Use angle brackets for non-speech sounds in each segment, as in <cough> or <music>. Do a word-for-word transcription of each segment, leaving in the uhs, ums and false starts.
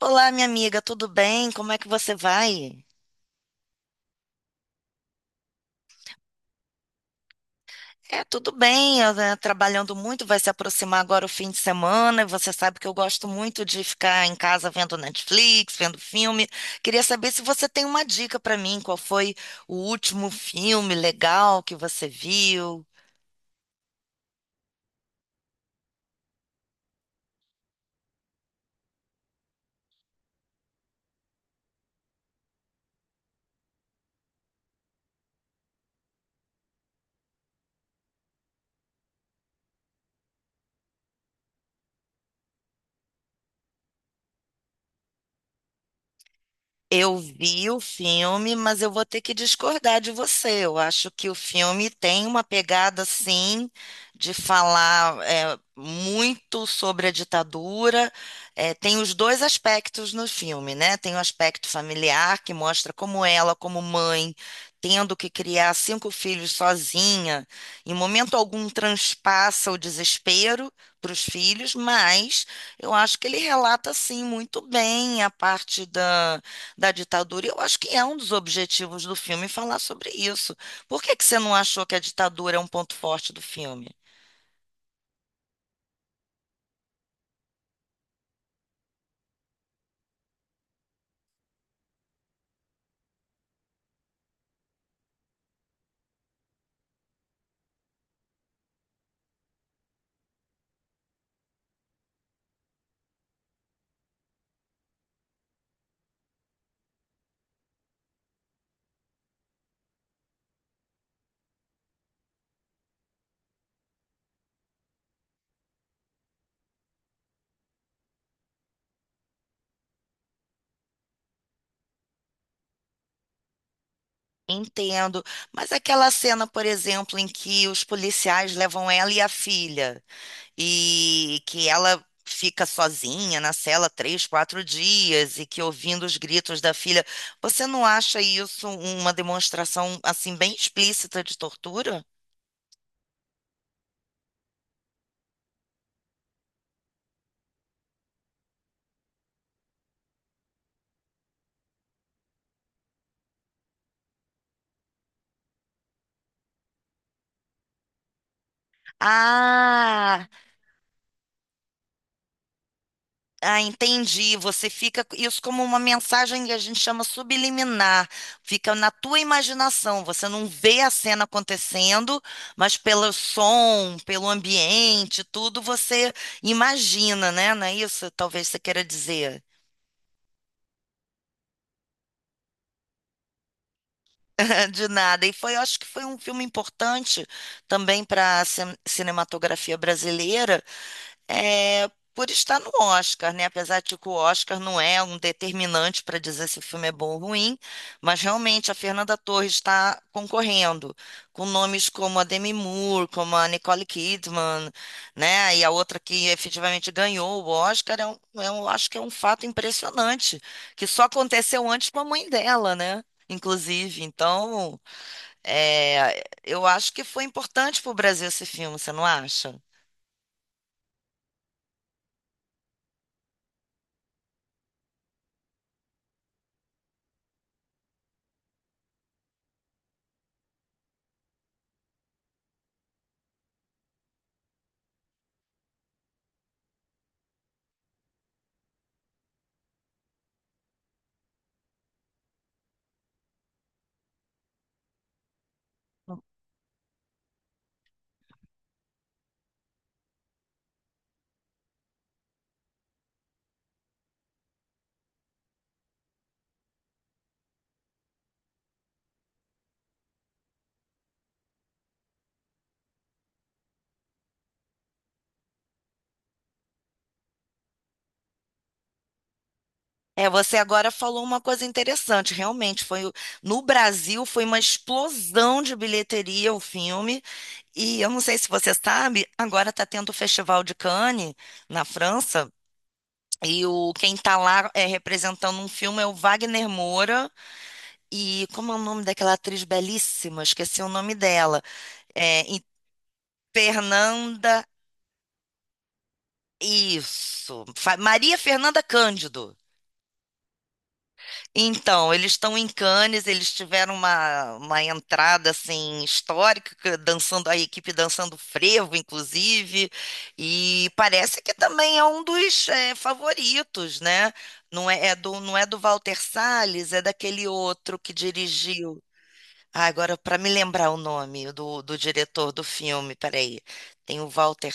Olá, minha amiga, tudo bem? Como é que você vai? É, tudo bem, eu, né, trabalhando muito, vai se aproximar agora o fim de semana, e você sabe que eu gosto muito de ficar em casa vendo Netflix, vendo filme. Queria saber se você tem uma dica para mim, qual foi o último filme legal que você viu? Eu vi o filme, mas eu vou ter que discordar de você. Eu acho que o filme tem uma pegada, sim, de falar é, muito sobre a ditadura. É, tem os dois aspectos no filme, né? Tem o aspecto familiar, que mostra como ela, como mãe, tendo que criar cinco filhos sozinha, em momento algum transpassa o desespero para os filhos, mas eu acho que ele relata, sim, muito bem a parte da da ditadura. E eu acho que é um dos objetivos do filme falar sobre isso. Por que que você não achou que a ditadura é um ponto forte do filme? Entendo, mas aquela cena, por exemplo, em que os policiais levam ela e a filha, e que ela fica sozinha na cela três, quatro dias, e que ouvindo os gritos da filha, você não acha isso uma demonstração assim bem explícita de tortura? Ah, Ah, entendi. Você fica isso como uma mensagem que a gente chama subliminar. Fica na tua imaginação. Você não vê a cena acontecendo, mas pelo som, pelo ambiente, tudo você imagina, né? Não é isso? Talvez você queira dizer. <laughs> De nada. E foi, eu acho que foi um filme importante também para a cinematografia brasileira é, por estar no Oscar, né? Apesar de que o Oscar não é um determinante para dizer se o filme é bom ou ruim, mas realmente a Fernanda Torres está concorrendo com nomes como a Demi Moore, como a Nicole Kidman, né? E a outra que efetivamente ganhou o Oscar, é um, é um- acho que é um fato impressionante, que só aconteceu antes com a mãe dela, né? Inclusive, então, é, eu acho que foi importante para o Brasil esse filme, você não acha? É, você agora falou uma coisa interessante. Realmente, foi o- no Brasil foi uma explosão de bilheteria o filme. E eu não sei se você sabe, agora está tendo o Festival de Cannes na França. E o quem está lá é, representando um filme é o Wagner Moura. E como é o nome daquela atriz belíssima? Esqueci o nome dela. É, e Fernanda. Isso. Fa- Maria Fernanda Cândido. Então, eles estão em Cannes, eles tiveram uma, uma, entrada assim histórica, dançando a equipe dançando frevo, inclusive, e parece que também é um dos eh, favoritos, né? Não é, é do não é do Walter Salles, é daquele outro que dirigiu. Ah, agora para me lembrar o nome do, do diretor do filme, peraí, tem o Walter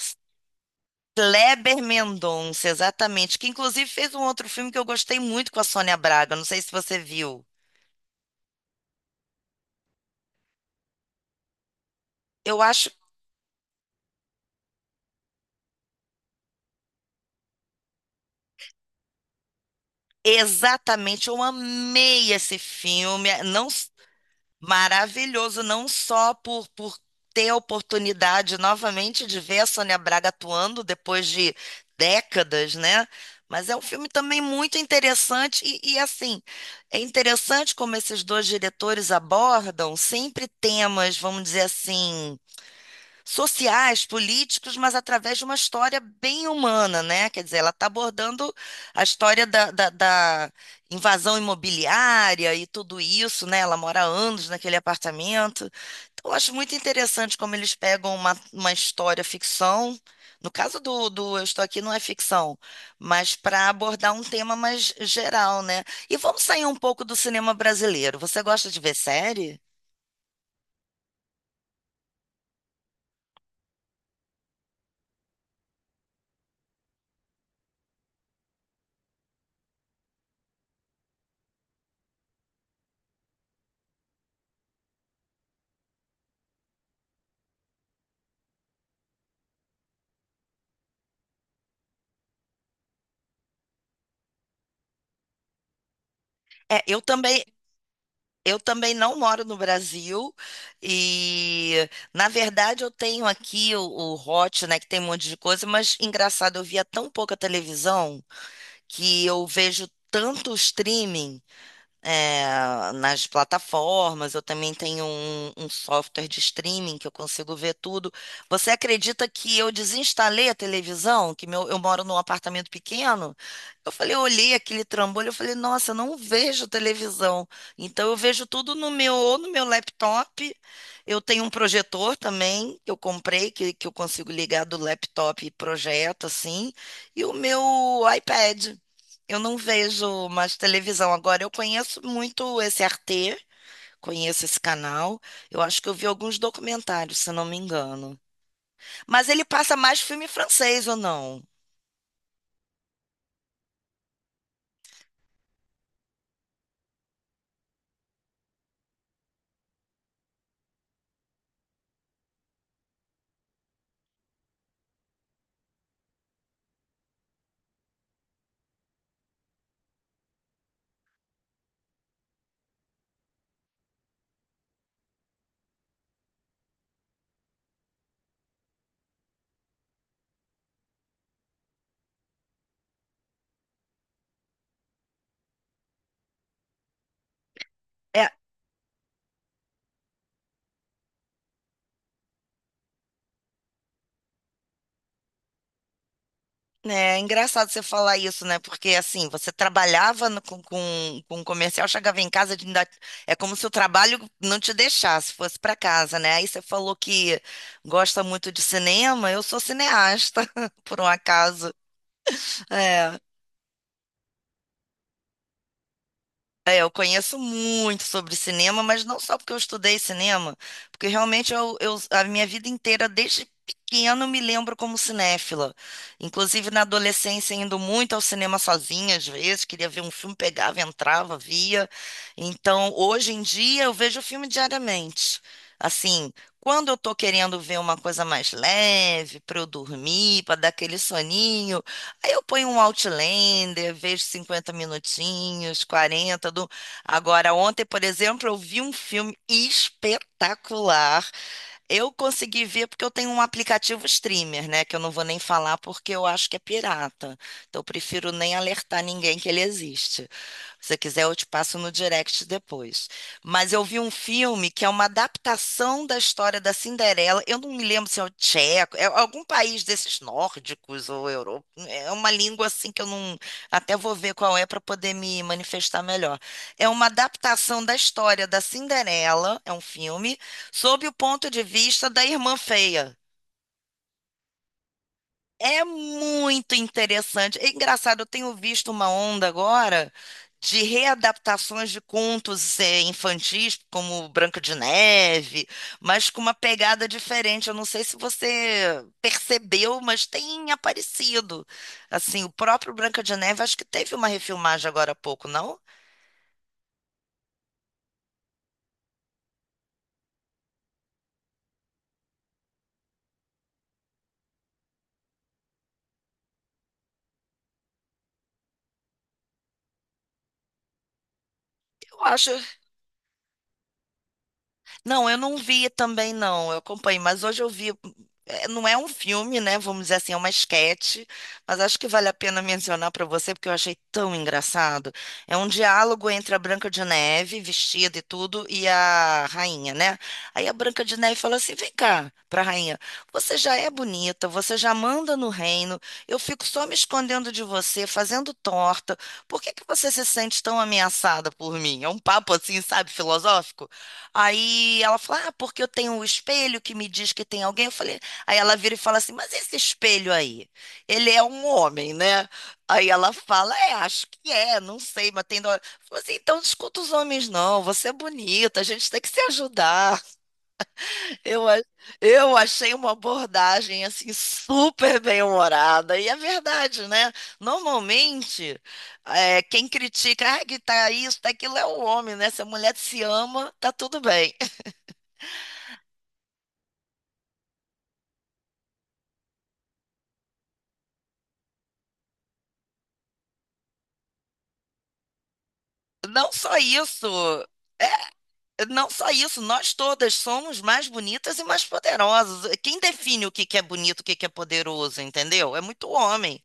Kleber Mendonça, exatamente, que inclusive fez um outro filme que eu gostei muito com a Sônia Braga, não sei se você viu. Eu acho exatamente, eu amei esse filme, é, não s- maravilhoso, não só por, por, ter a oportunidade novamente de ver a Sônia Braga atuando depois de décadas, né? Mas é um filme também muito interessante e, e assim, é interessante como esses dois diretores abordam sempre temas, vamos dizer assim, sociais, políticos, mas através de uma história bem humana, né? Quer dizer, ela está abordando a história da, da- da invasão imobiliária e tudo isso, né? Ela mora há anos naquele apartamento. Então, eu acho muito interessante como eles pegam uma, uma, história ficção. No caso do, do Eu Estou Aqui não é ficção, mas para abordar um tema mais geral, né? E vamos sair um pouco do cinema brasileiro. Você gosta de ver série? É, eu também, Eu também não moro no Brasil e, na verdade, eu tenho aqui o, o, Hot, né, que tem um monte de coisa, mas engraçado, eu via tão pouca televisão que eu vejo tanto streaming é, nas plataformas, eu também tenho um, um software de streaming que eu consigo ver tudo. Você acredita que eu desinstalei a televisão? Que meu, eu moro num apartamento pequeno? Eu falei, eu olhei aquele trambolho, eu falei, nossa, eu não vejo televisão. Então eu vejo tudo no meu, ou no meu laptop. Eu tenho um projetor também que eu comprei, que, que eu consigo ligar do laptop e projeto assim, e o meu iPad. Eu não vejo mais televisão agora. Eu conheço muito esse erre tê, conheço esse canal. Eu acho que eu vi alguns documentários, se não me engano. Mas ele passa mais filme francês ou não? É, né, é engraçado você falar isso, né? Porque assim, você trabalhava no- com, com, com um comercial, chegava em casa, ainda- é como se o trabalho não te deixasse, fosse para casa, né? Aí você falou que gosta muito de cinema. Eu sou cineasta, <laughs> por um acaso. É. É, eu conheço muito sobre cinema, mas não só porque eu estudei cinema, porque realmente eu, eu- a minha vida inteira, desde pequena, eu me lembro como cinéfila. Inclusive na adolescência, indo muito ao cinema sozinha, às vezes, queria ver um filme, pegava, entrava, via. Então, hoje em dia, eu vejo filme diariamente. Assim, quando eu tô querendo ver uma coisa mais leve, para eu dormir, para dar aquele soninho. Aí eu ponho um Outlander, vejo cinquenta minutinhos, quarenta do... Agora, ontem, por exemplo, eu vi um filme espetacular eu consegui ver porque eu tenho um aplicativo streamer, né? Que eu não vou nem falar porque eu acho que é pirata. Então eu prefiro nem alertar ninguém que ele existe. Se você quiser, eu te passo no direct depois. Mas eu vi um filme que é uma adaptação da história da Cinderela. Eu não me lembro se é o tcheco, é algum país desses nórdicos ou Europa. É uma língua assim que eu não. Até vou ver qual é para poder me manifestar melhor. É uma adaptação da história da Cinderela, é um filme sob o ponto de vista da irmã feia. É muito interessante. É engraçado, eu tenho visto uma onda agora de readaptações de contos eh, infantis, como Branca de Neve, mas com uma pegada diferente. Eu não sei se você percebeu, mas tem aparecido. Assim, o próprio Branca de Neve, acho que teve uma refilmagem agora há pouco, não? Eu acho, Não, eu não vi também, não. Eu acompanhei, mas hoje eu vi. é, Não é um filme, né? Vamos dizer assim, é uma esquete, mas acho que vale a pena mencionar para você, porque eu achei tão engraçado. É um diálogo entre a Branca de Neve, vestida e tudo, e a rainha, né? Aí a Branca de Neve fala assim: vem cá, para a rainha, você já é bonita, você já manda no reino, eu fico só me escondendo de você, fazendo torta, por que que você se sente tão ameaçada por mim? É um papo assim, sabe, filosófico? Aí ela fala, ah, porque eu tenho um espelho que me diz que tem alguém. Eu falei, aí ela vira e fala assim, mas esse espelho aí, ele é um homem, né? Aí ela fala, é, acho que é, não sei, mas tem. Dó." Eu falei assim, então não escuta os homens, não. Você é bonita, a gente tem que se ajudar. Eu, a- eu achei uma abordagem assim super bem-humorada. E é verdade, né? Normalmente, é, quem critica, ah, que tá isso, tá aquilo é o homem, né? Se a mulher se ama, tá tudo bem. Não só isso. É, não só isso, nós todas somos mais bonitas e mais poderosas. Quem define o que que é bonito, o que que é poderoso, entendeu? É muito homem,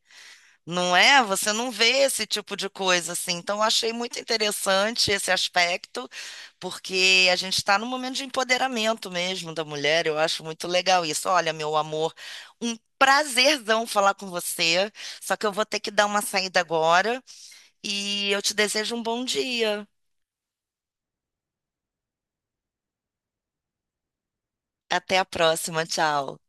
não é? Você não vê esse tipo de coisa assim. Então, eu achei muito interessante esse aspecto, porque a gente está num momento de empoderamento mesmo da mulher. Eu acho muito legal isso. Olha, meu amor, um prazerzão falar com você. Só que eu vou ter que dar uma saída agora e eu te desejo um bom dia. Até a próxima, tchau.